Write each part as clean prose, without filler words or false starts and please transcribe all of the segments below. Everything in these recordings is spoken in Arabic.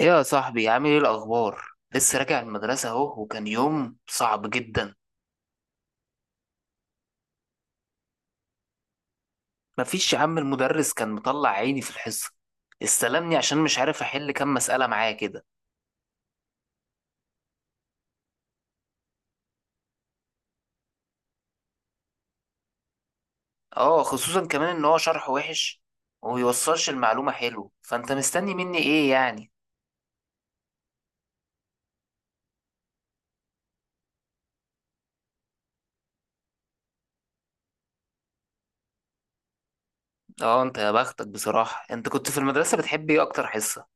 ايه يا صاحبي، عامل ايه الاخبار؟ لسه راجع المدرسه اهو، وكان يوم صعب جدا. مفيش يا عم، المدرس كان مطلع عيني في الحصه. استلمني عشان مش عارف احل كام مساله معاه كده. اه، خصوصا كمان ان هو شرحه وحش وميوصلش المعلومه حلو، فانت مستني مني ايه يعني؟ اه انت يا بختك بصراحه، انت كنت في المدرسه بتحب ايه اكتر حصه؟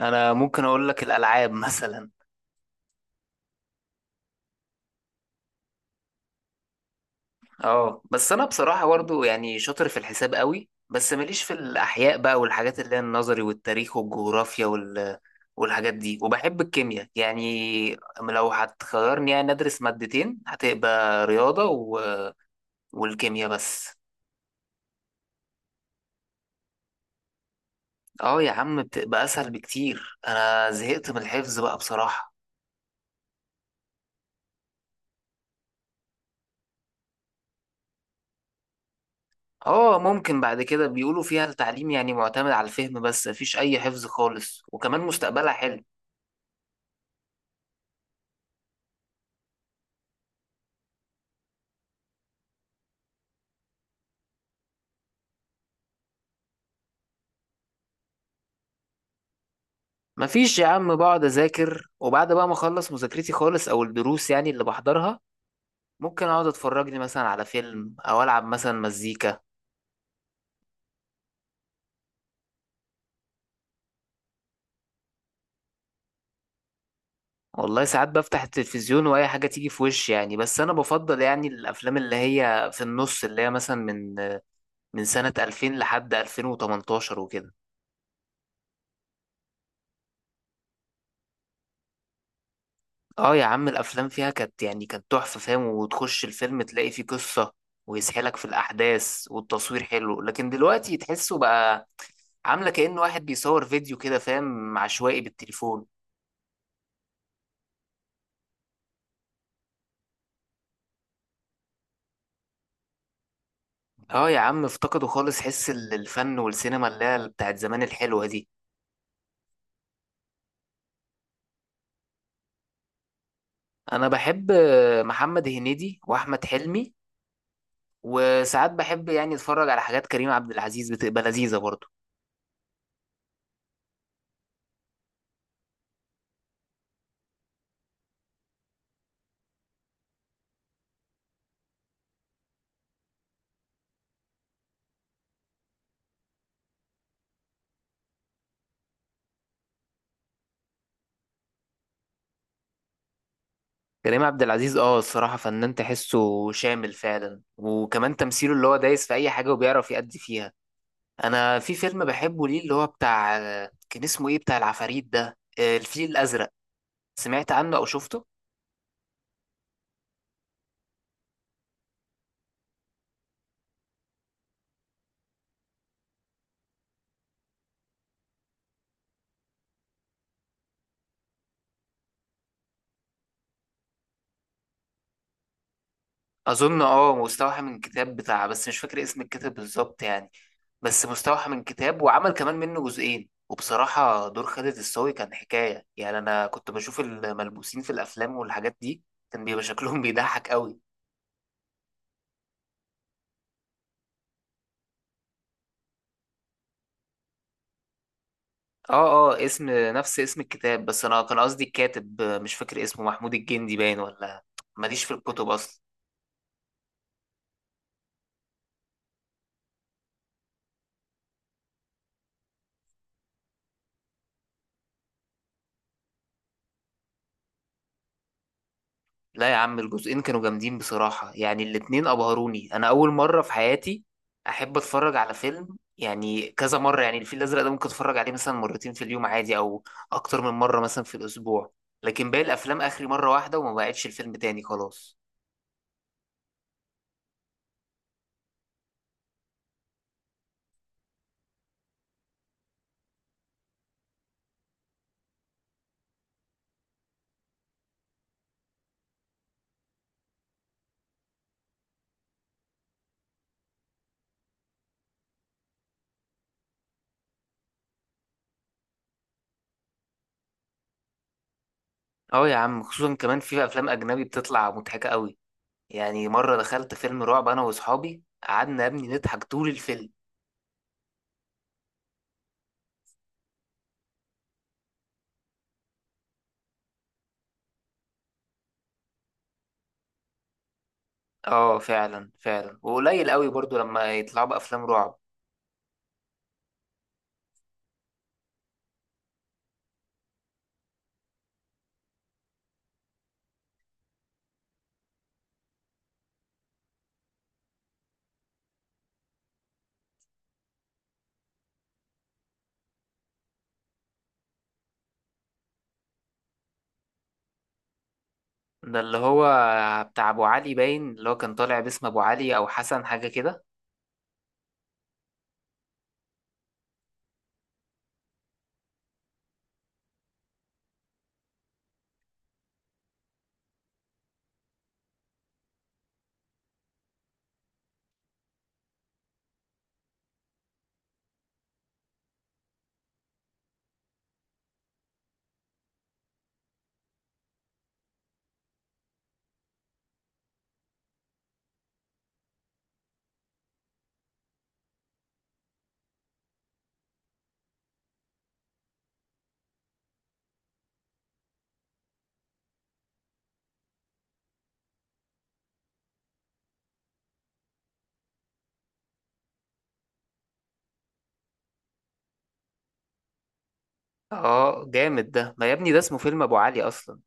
انا ممكن اقول لك الالعاب مثلا. اه بس انا بصراحه برضو يعني شاطر في الحساب قوي، بس ماليش في الاحياء بقى والحاجات اللي هي النظري والتاريخ والجغرافيا والحاجات دي، وبحب الكيمياء. يعني لو هتخيرني يعني ادرس مادتين، هتبقى رياضه والكيمياء بس. اه يا عم، بتبقى اسهل بكتير، انا زهقت من الحفظ بقى بصراحه. اه ممكن بعد كده، بيقولوا فيها التعليم يعني معتمد على الفهم بس، مفيش اي حفظ خالص، وكمان مستقبلها حلو. مفيش يا عم، بقعد اذاكر وبعد بقى ما اخلص مذاكرتي خالص او الدروس يعني اللي بحضرها، ممكن اقعد اتفرج لي مثلا على فيلم او العب مثلا مزيكا. والله ساعات بفتح التلفزيون واي حاجه تيجي في وشي يعني، بس انا بفضل يعني الافلام اللي هي في النص، اللي هي مثلا من سنه 2000 لحد 2018 وكده. اه يا عم، الافلام فيها كانت يعني كانت تحفه، فاهم؟ وتخش الفيلم تلاقي فيه قصه ويسحلك في الاحداث، والتصوير حلو. لكن دلوقتي تحسه بقى عامله كأنه واحد بيصور فيديو كده، فاهم، عشوائي بالتليفون. اه يا عم، افتقدوا خالص حس الفن والسينما اللي هي بتاعت زمان الحلوه دي. انا بحب محمد هنيدي واحمد حلمي، وساعات بحب يعني اتفرج على حاجات كريم عبد العزيز، بتبقى لذيذه برضه. كريم عبد العزيز اه الصراحه فنان تحسه شامل فعلا، وكمان تمثيله اللي هو دايس في اي حاجه وبيعرف يأدي فيها. انا في فيلم بحبه ليه، اللي هو بتاع كان اسمه ايه، بتاع العفاريت ده، الفيل الازرق. سمعت عنه او شفته؟ اظن اه مستوحى من كتاب بتاع، بس مش فاكر اسم الكتاب بالظبط يعني. بس مستوحى من كتاب، وعمل كمان منه جزئين. وبصراحة دور خالد الصاوي كان حكاية يعني. انا كنت بشوف الملبوسين في الافلام والحاجات دي، كان بيبقى شكلهم بيضحك قوي. اه اه، اسم نفس اسم الكتاب، بس انا كان قصدي الكاتب مش فاكر اسمه، محمود الجندي باين ولا، ماليش في الكتب اصلا. لا يا عم، الجزئين كانوا جامدين بصراحة يعني، الاتنين أبهروني. أنا أول مرة في حياتي أحب أتفرج على فيلم يعني كذا مرة. يعني الفيل الأزرق ده ممكن أتفرج عليه مثلا مرتين في اليوم عادي، أو أكتر من مرة مثلا في الأسبوع. لكن باقي الأفلام آخري مرة واحدة وما بقعدش الفيلم تاني خلاص. أه يا عم، خصوصا كمان في أفلام أجنبي بتطلع مضحكة قوي. يعني مرة دخلت فيلم رعب أنا وأصحابي، قعدنا يا ابني نضحك طول الفيلم. أه فعلا فعلا، وقليل قوي برضو لما يطلعوا بأفلام رعب. ده اللي هو بتاع ابو علي باين، اللي هو كان طالع باسم ابو علي او حسن حاجه كده. اه جامد ده، ما يا ابني ده اسمه فيلم ابو علي اصلا.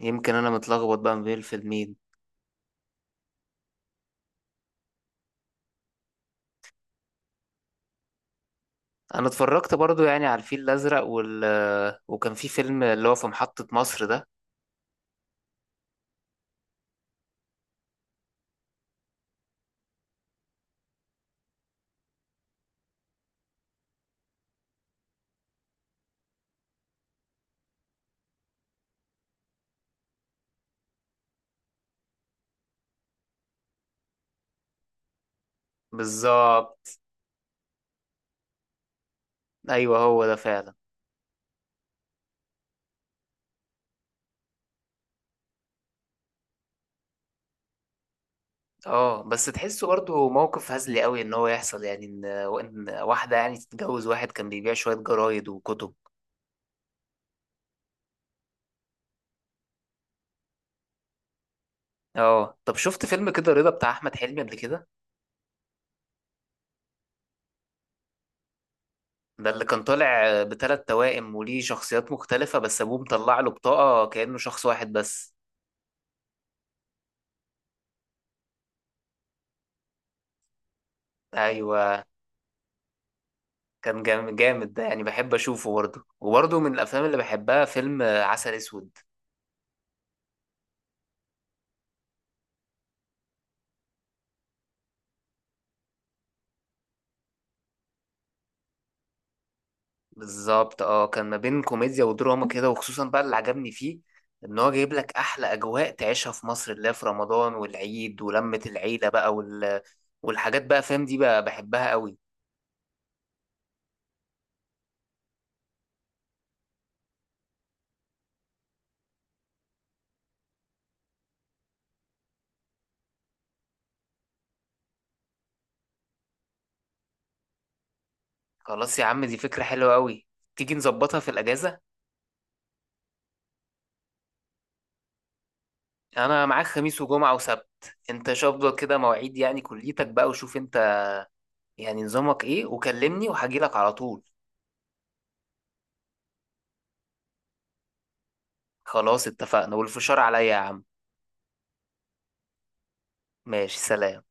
يمكن انا متلخبط بقى ما بين الفيلمين. انا اتفرجت برضو يعني على الفيل الازرق، وال آه، وكان في فيلم اللي هو في محطة مصر ده. بالظبط، ايوه هو ده فعلا. اه بس تحسه برضو موقف هزلي قوي، ان هو يحصل يعني ان، إن واحده يعني تتجوز واحد كان بيبيع شويه جرايد وكتب. اه طب، شفت فيلم كده رضا بتاع احمد حلمي قبل كده؟ ده اللي كان طالع بثلاث توائم، وليه شخصيات مختلفة، بس أبوه مطلع له بطاقة كأنه شخص واحد بس. أيوة. كان جامد ده يعني، بحب أشوفه برضه. وبرضه من الأفلام اللي بحبها فيلم عسل أسود. بالظبط، اه كان ما بين كوميديا ودراما كده. وخصوصا بقى اللي عجبني فيه، إن هو جايب لك أحلى أجواء تعيشها في مصر، اللي هي في رمضان والعيد ولمة العيلة بقى والحاجات بقى، فاهم، دي بقى بحبها قوي. خلاص يا عم، دي فكرة حلوة قوي. تيجي نظبطها في الأجازة. انا معاك خميس وجمعة وسبت، انت شوف كده مواعيد يعني كليتك بقى، وشوف انت يعني نظامك ايه، وكلمني وهجيلك على طول. خلاص اتفقنا، والفشار عليا يا عم. ماشي، سلام.